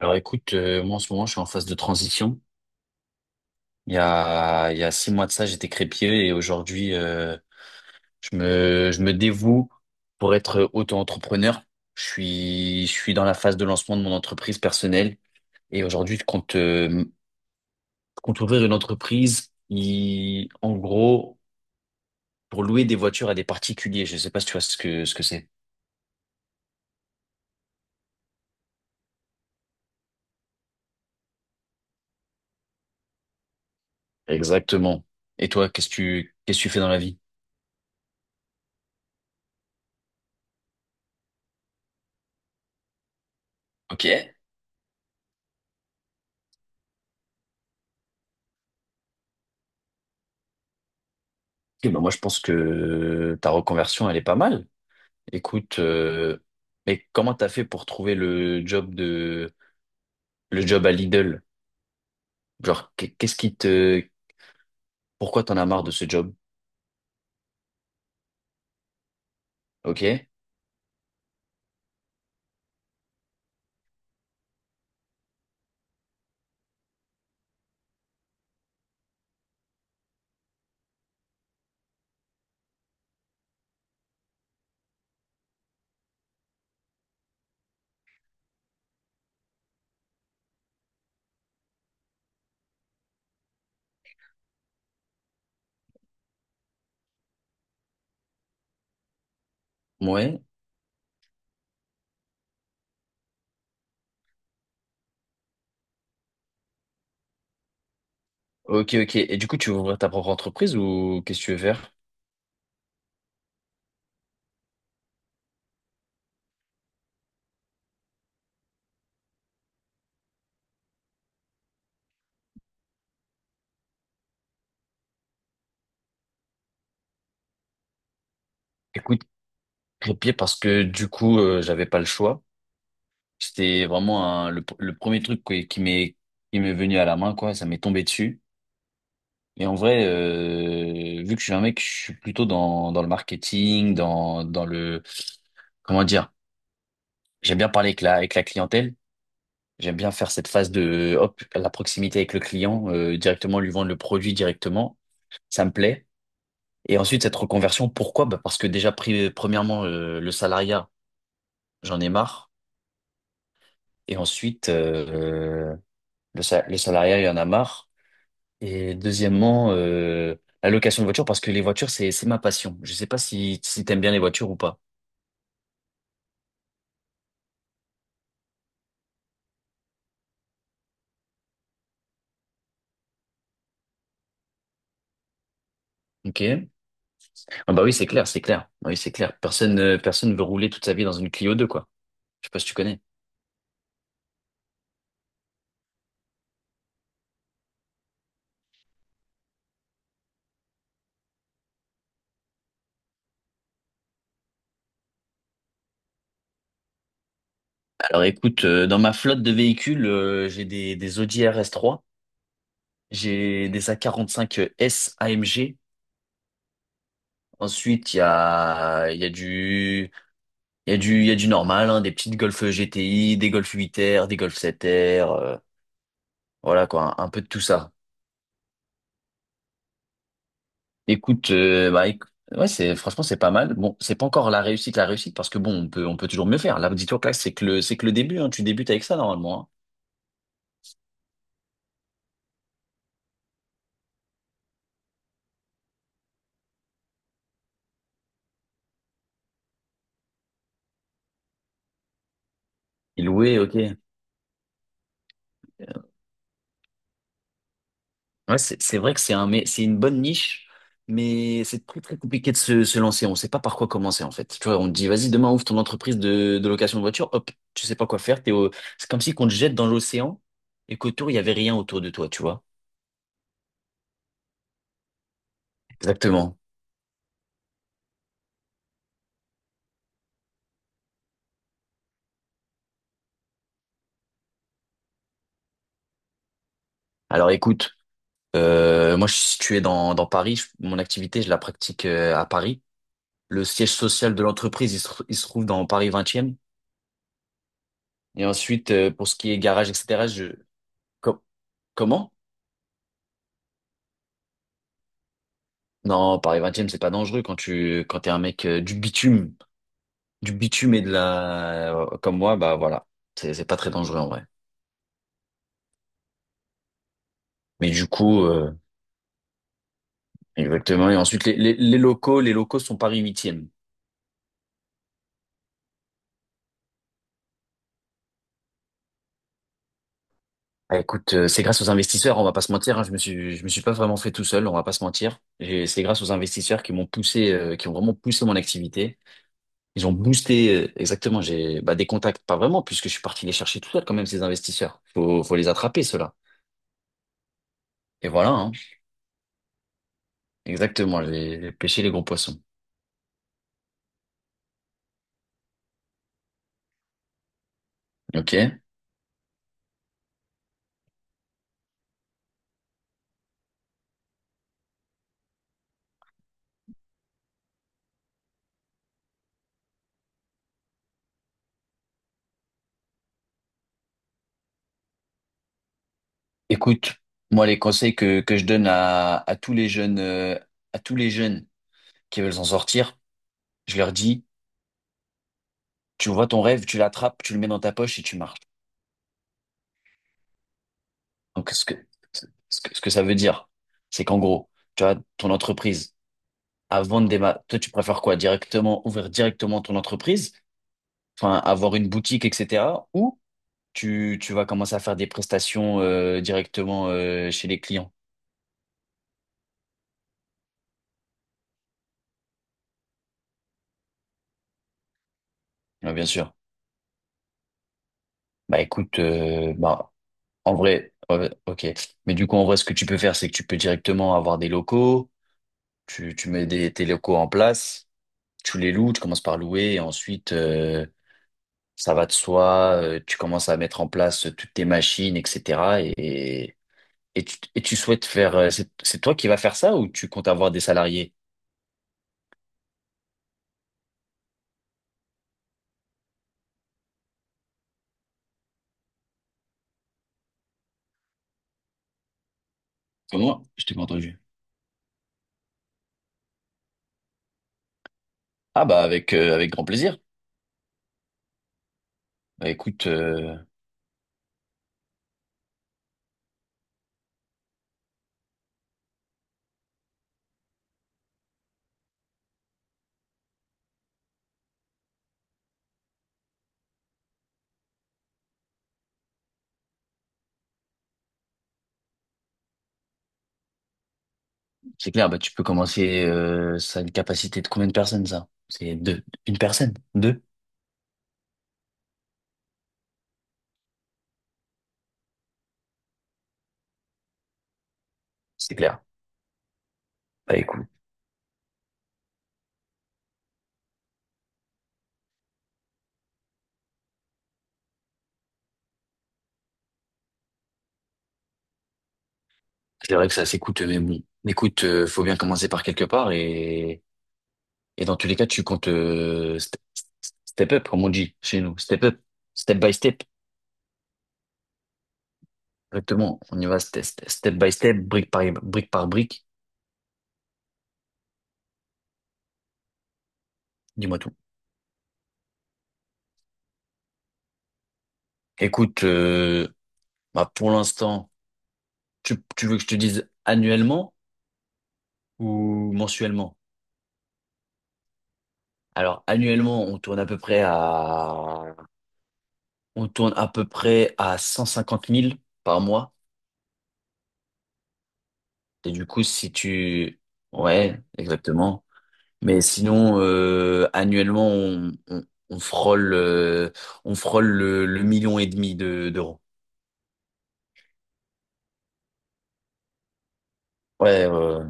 Alors écoute, moi en ce moment je suis en phase de transition. Il y a 6 mois de ça, j'étais crépier et aujourd'hui, je me dévoue pour être auto-entrepreneur. Je suis dans la phase de lancement de mon entreprise personnelle et aujourd'hui je compte ouvrir une entreprise qui, en gros, pour louer des voitures à des particuliers. Je sais pas si tu vois ce que c'est. Exactement. Et toi, qu'est-ce que tu fais dans la vie? Ok. Eh ben moi je pense que ta reconversion elle est pas mal. Écoute, mais comment t'as fait pour trouver le job à Lidl? Genre, qu'est-ce qui te, pourquoi t'en as marre de ce job? Ok, ouais, ok, ok. Et du coup, tu veux ouvrir ta propre entreprise ou qu'est-ce que tu veux faire? Écoute, crépier parce que du coup, j'avais pas le choix. C'était vraiment le premier truc qui m'est venu à la main, quoi. Ça m'est tombé dessus. Et en vrai, vu que je suis un mec, je suis plutôt dans le marketing, dans le comment dire. J'aime bien parler avec la clientèle. J'aime bien faire cette phase de, hop, la proximité avec le client, directement lui vendre le produit directement. Ça me plaît. Et ensuite, cette reconversion, pourquoi? Bah, parce que déjà, premièrement, le salariat, j'en ai marre. Et ensuite, le salariat, il y en a marre. Et deuxièmement, la location de voiture, parce que les voitures, c'est ma passion. Je sais pas si t'aimes bien les voitures ou pas. Ok? Ah bah oui, c'est clair, c'est clair. Ah oui, c'est clair. Personne, personne veut rouler toute sa vie dans une Clio 2, quoi. Je sais pas si tu connais. Alors écoute, dans ma flotte de véhicules, j'ai des Audi RS3, j'ai des A45 S AMG. Ensuite, il y a du, il y a du, il y a du normal, hein, des petites Golf GTI, des Golf 8R, des Golf 7R, voilà quoi, un peu de tout ça. Écoute, euh, bah, éc- ouais, c'est franchement c'est pas mal. Bon, c'est pas encore la réussite parce que bon, on peut toujours mieux faire. Là, dis-toi que là, c'est que le début, hein, tu débutes avec ça normalement. Hein. Il louait, ok. Ouais, c'est vrai que c'est un, mais c'est une bonne niche, mais c'est très très compliqué de se lancer. On sait pas par quoi commencer en fait. Tu vois, on te dit vas-y demain ouvre ton entreprise de location de voiture. Hop, tu sais pas quoi faire. T'es au... C'est comme si qu'on te jette dans l'océan et qu'autour il y avait rien autour de toi. Tu vois. Exactement. Alors écoute, moi je suis situé dans Paris. Mon activité je la pratique à Paris. Le siège social de l'entreprise il se trouve dans Paris 20e. Et ensuite pour ce qui est garage, etc. Je com- comment? Non, Paris 20e, c'est pas dangereux quand tu quand t'es un mec du bitume et de la comme moi, bah voilà, c'est pas très dangereux en vrai. Mais du coup, exactement. Et ensuite, les locaux, les locaux sont Paris 8e. Ah, écoute, c'est grâce aux investisseurs, on va pas se mentir. Hein, je me suis pas vraiment fait tout seul, on va pas se mentir. C'est grâce aux investisseurs qui m'ont poussé, qui ont vraiment poussé mon activité. Ils ont boosté exactement. J'ai bah, des contacts, pas vraiment, puisque je suis parti les chercher tout seul quand même ces investisseurs. Faut les attraper ceux-là. Et voilà. Hein. Exactement, les pêcher les gros poissons. Ok. Écoute, moi les conseils que je donne à tous les jeunes à tous les jeunes qui veulent s'en sortir, je leur dis, tu vois ton rêve, tu l'attrapes, tu le mets dans ta poche et tu marches. Donc ce que ça veut dire, c'est qu'en gros, tu as ton entreprise avant de démarrer, toi tu préfères quoi? Directement ouvrir directement ton entreprise, enfin avoir une boutique, etc. Ou tu vas commencer à faire des prestations directement chez les clients. Ouais, bien sûr. Bah écoute, bah, en vrai, ok. Mais du coup, en vrai, ce que tu peux faire, c'est que tu peux directement avoir des locaux, tu mets tes locaux en place, tu les loues, tu commences par louer, et ensuite, ça va de soi, tu commences à mettre en place toutes tes machines, etc. Et tu souhaites faire... C'est toi qui vas faire ça ou tu comptes avoir des salariés? Comme moi, je t'ai pas entendu. Ah bah avec, avec grand plaisir. Bah écoute... C'est clair, bah, tu peux commencer, ça a une capacité de combien de personnes, ça? C'est deux. Une personne? Deux? C'est clair. Bah, écoute. C'est vrai que ça s'écoute, mais bon. Écoute, faut bien commencer par quelque part et dans tous les cas, tu comptes, step up, comme on dit chez nous. Step up. Step by step. Exactement. On y va step by step, brique par brique. Dis-moi tout. Écoute, pour l'instant, tu veux que je te dise annuellement ou mensuellement? Alors, annuellement, on tourne à peu près à 150 000 par mois. Et du coup, si tu, ouais, exactement. Mais sinon, annuellement, on frôle, euh, on frôle le million et demi d'euros. Ouais, ouais, ouais.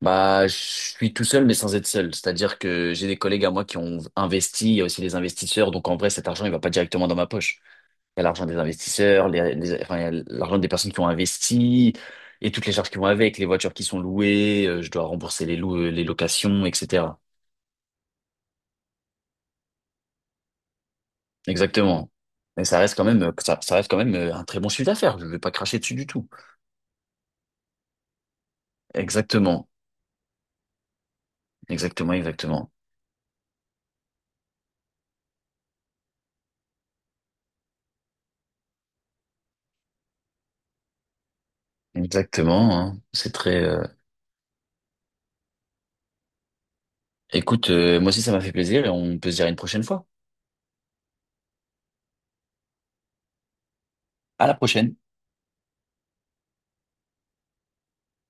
Bah, je suis tout seul, mais sans être seul. C'est-à-dire que j'ai des collègues à moi qui ont investi. Il y a aussi des investisseurs. Donc, en vrai, cet argent, il va pas directement dans ma poche. Il y a l'argent des investisseurs, enfin, il y a l'argent des personnes qui ont investi et toutes les charges qui vont avec, les voitures qui sont louées, je dois rembourser les locations, etc. Exactement. Mais ça reste quand même, ça reste quand même un très bon chiffre d'affaires. Je ne vais pas cracher dessus du tout. Exactement. Exactement, exactement. Exactement, hein. Écoute, moi aussi ça m'a fait plaisir et on peut se dire à une prochaine fois. À la prochaine.